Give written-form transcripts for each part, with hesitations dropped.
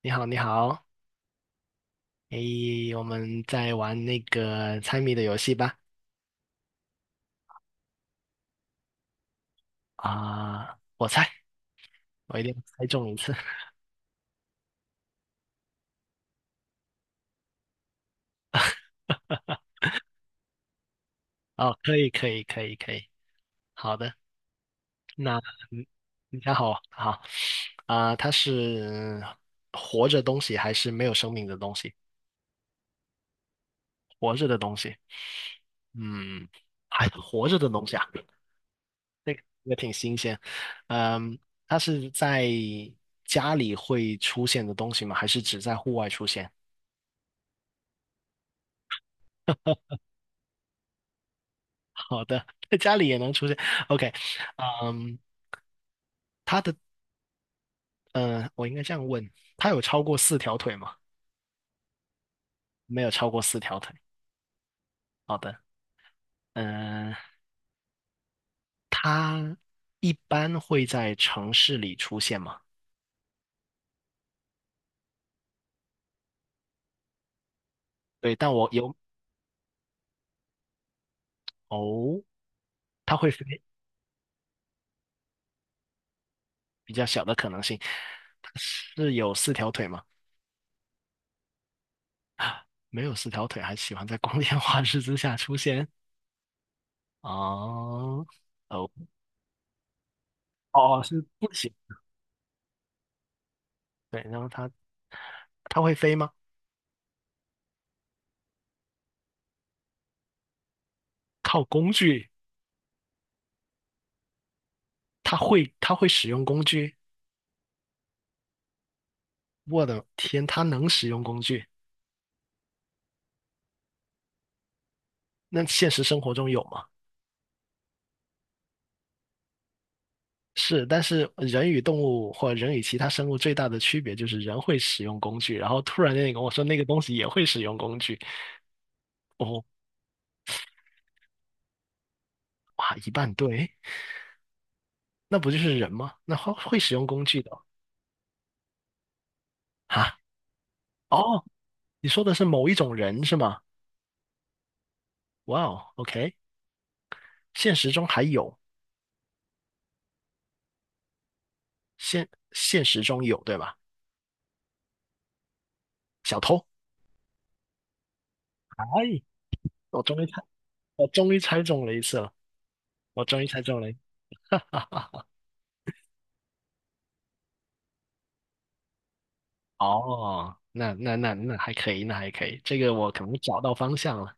你好，你好，诶，我们在玩那个猜谜的游戏吧。我猜，我一定要猜中一次。哦，可以，可以，可以，可以。好的，那嗯你想好，好它是活着东西还是没有生命的东西？活着的东西，嗯，还活着的东西啊，也挺新鲜。嗯，它是在家里会出现的东西吗？还是只在户外出现？好的，在家里也能出现。OK，嗯，它的，我应该这样问，它有超过四条腿吗？没有超过四条腿。好的，嗯、它一般会在城市里出现吗？对，但我有，哦，它会飞，比较小的可能性。它是有四条腿吗？没有四条腿，还喜欢在光天化日之下出现？哦，哦，哦，是不行。对，然后它会飞吗？靠工具。他会使用工具，我的天，他能使用工具？那现实生活中有吗？是，但是人与动物或人与其他生物最大的区别就是人会使用工具，然后突然间你跟我说那个东西也会使用工具，哦，哇，一半对，那不就是人吗？那会使用工具的哈？哦，你说的是某一种人是吗？哇哦，OK，现实中还有，现现实中有对吧？小偷，哎，我终于猜，我终于猜中了一次了，我终于猜中了。哦，那还可以，那还可以，这个我可能找到方向了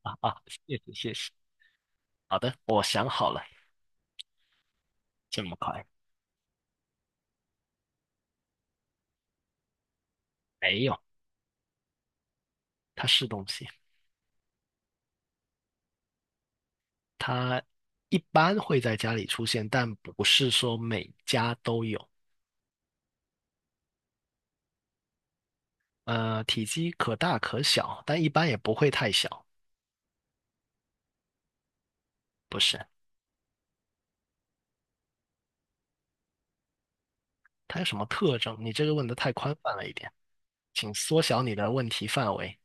啊！谢谢谢谢，好的，我想好了，这么快？没有，它是东西，它一般会在家里出现，但不是说每家都有。体积可大可小，但一般也不会太小。不是，它有什么特征？你这个问的太宽泛了一点，请缩小你的问题范围。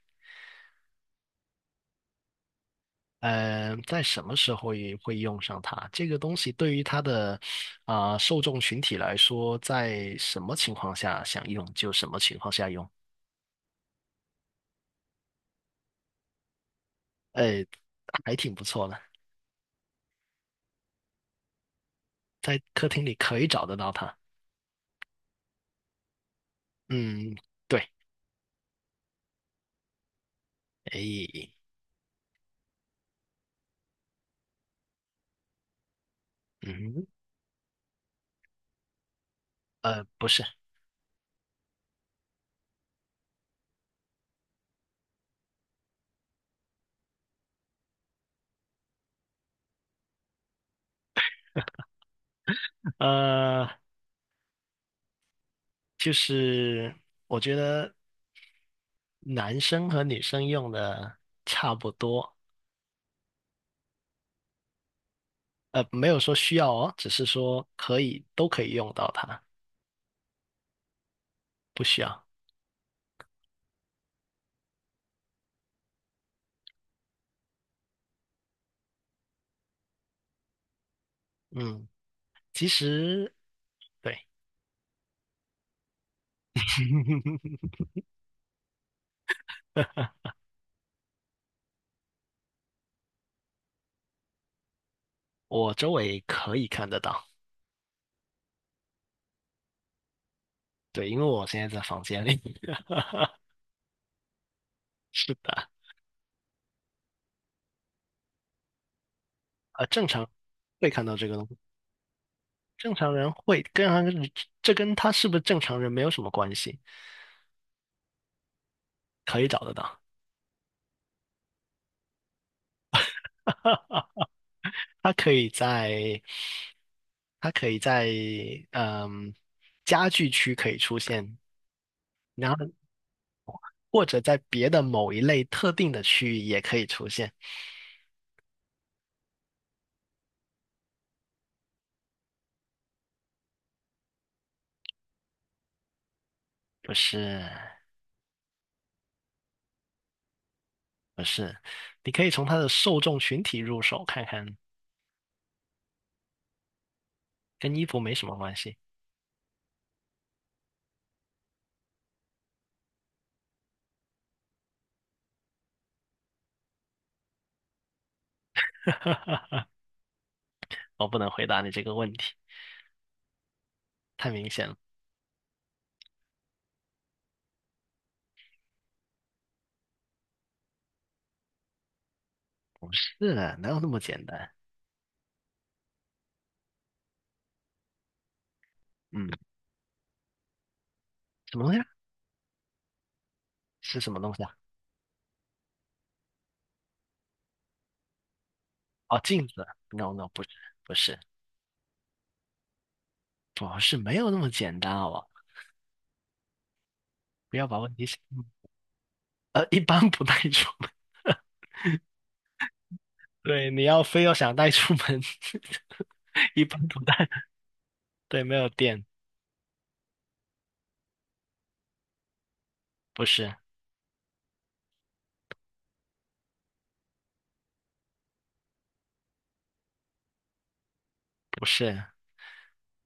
在什么时候也会用上它？这个东西对于它的受众群体来说，在什么情况下想用就什么情况下用，呃，还挺不错的，在客厅里可以找得到它。嗯，对，哎，嗯，不是，呃，就是我觉得男生和女生用的差不多，没有说需要哦，只是说可以，都可以用到它，不需要。嗯。其实对，我周围可以看得到，对，因为我现在在房间里。是的，啊，正常会看到这个东西，正常人会跟他这跟他是不是正常人没有什么关系，可以找得到。他可以在，他可以在，嗯，家具区可以出现，然后或者在别的某一类特定的区域也可以出现，就是不是，你可以从它的受众群体入手看看，跟衣服没什么关系。我不能回答你这个问题，太明显了。不是，哪有那么简单？嗯，什么东西啊？是什么东西啊？哦，镜子。No no，不是，不是，不是，没有那么简单，好不好，不要把问题想，一般不带出门。对，你要非要想带出门，一般不带。对，没有电，不是，不是，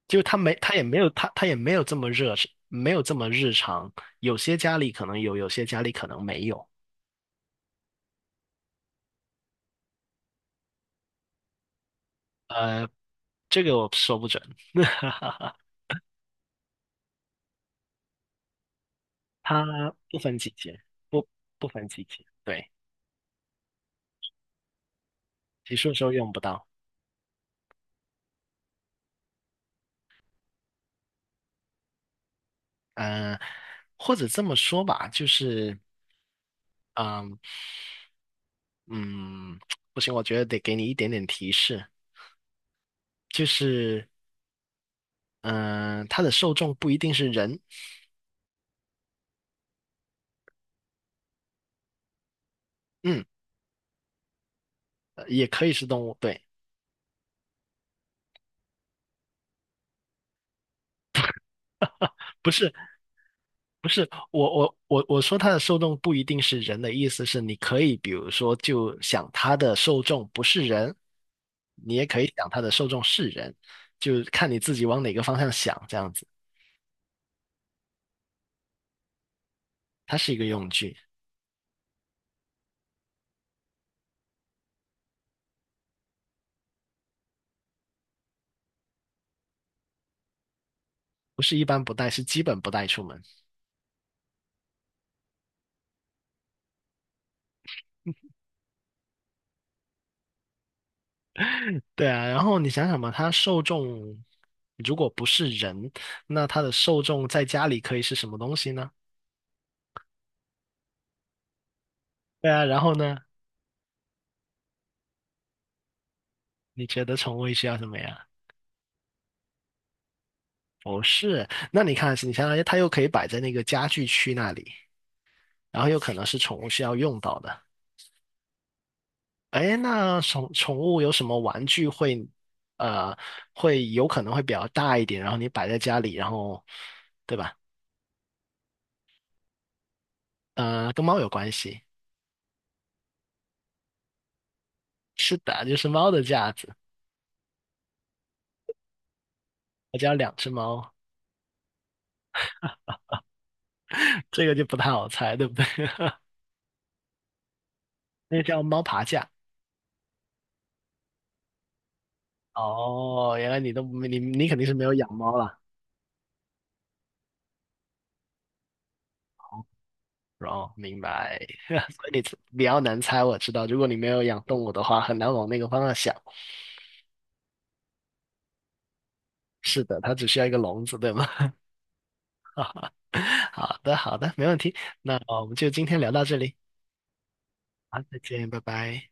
就他没，他也没有，他也没有这么热，没有这么日常。有些家里可能有，有些家里可能没有。呃，这个我说不准，它不分季节，不不分季节。对，洗漱的时候用不到。呃，或者这么说吧，就是，嗯嗯，不行，我觉得得给你一点点提示，就是，嗯、它的受众不一定是人，嗯，也可以是动物，对，不是。不是我说它的受众不一定是人的意思是，你可以比如说就想它的受众不是人，你也可以想它的受众是人，就看你自己往哪个方向想这样子。它是一个用具，不是一般不带，是基本不带出门。对啊，然后你想想嘛，它受众如果不是人，那它的受众在家里可以是什么东西呢？对啊，然后呢，你觉得宠物需要什么呀？不是，那你看，你想想，它又可以摆在那个家具区那里。然后有可能是宠物需要用到的。哎，那宠物有什么玩具会，呃，会有可能会比较大一点，然后你摆在家里，然后，对吧？跟猫有关系。是的，就是猫的架子。我家有两只猫，这个就不太好猜，对不对？那叫猫爬架。哦，原来你都没你你肯定是没有养猫啦。哦，明白。所以你比较难猜，我知道。如果你没有养动物的话，很难往那个方向想。是的，它只需要一个笼子，对吗？好的，好的，没问题。那我们就今天聊到这里，好，再见，拜拜。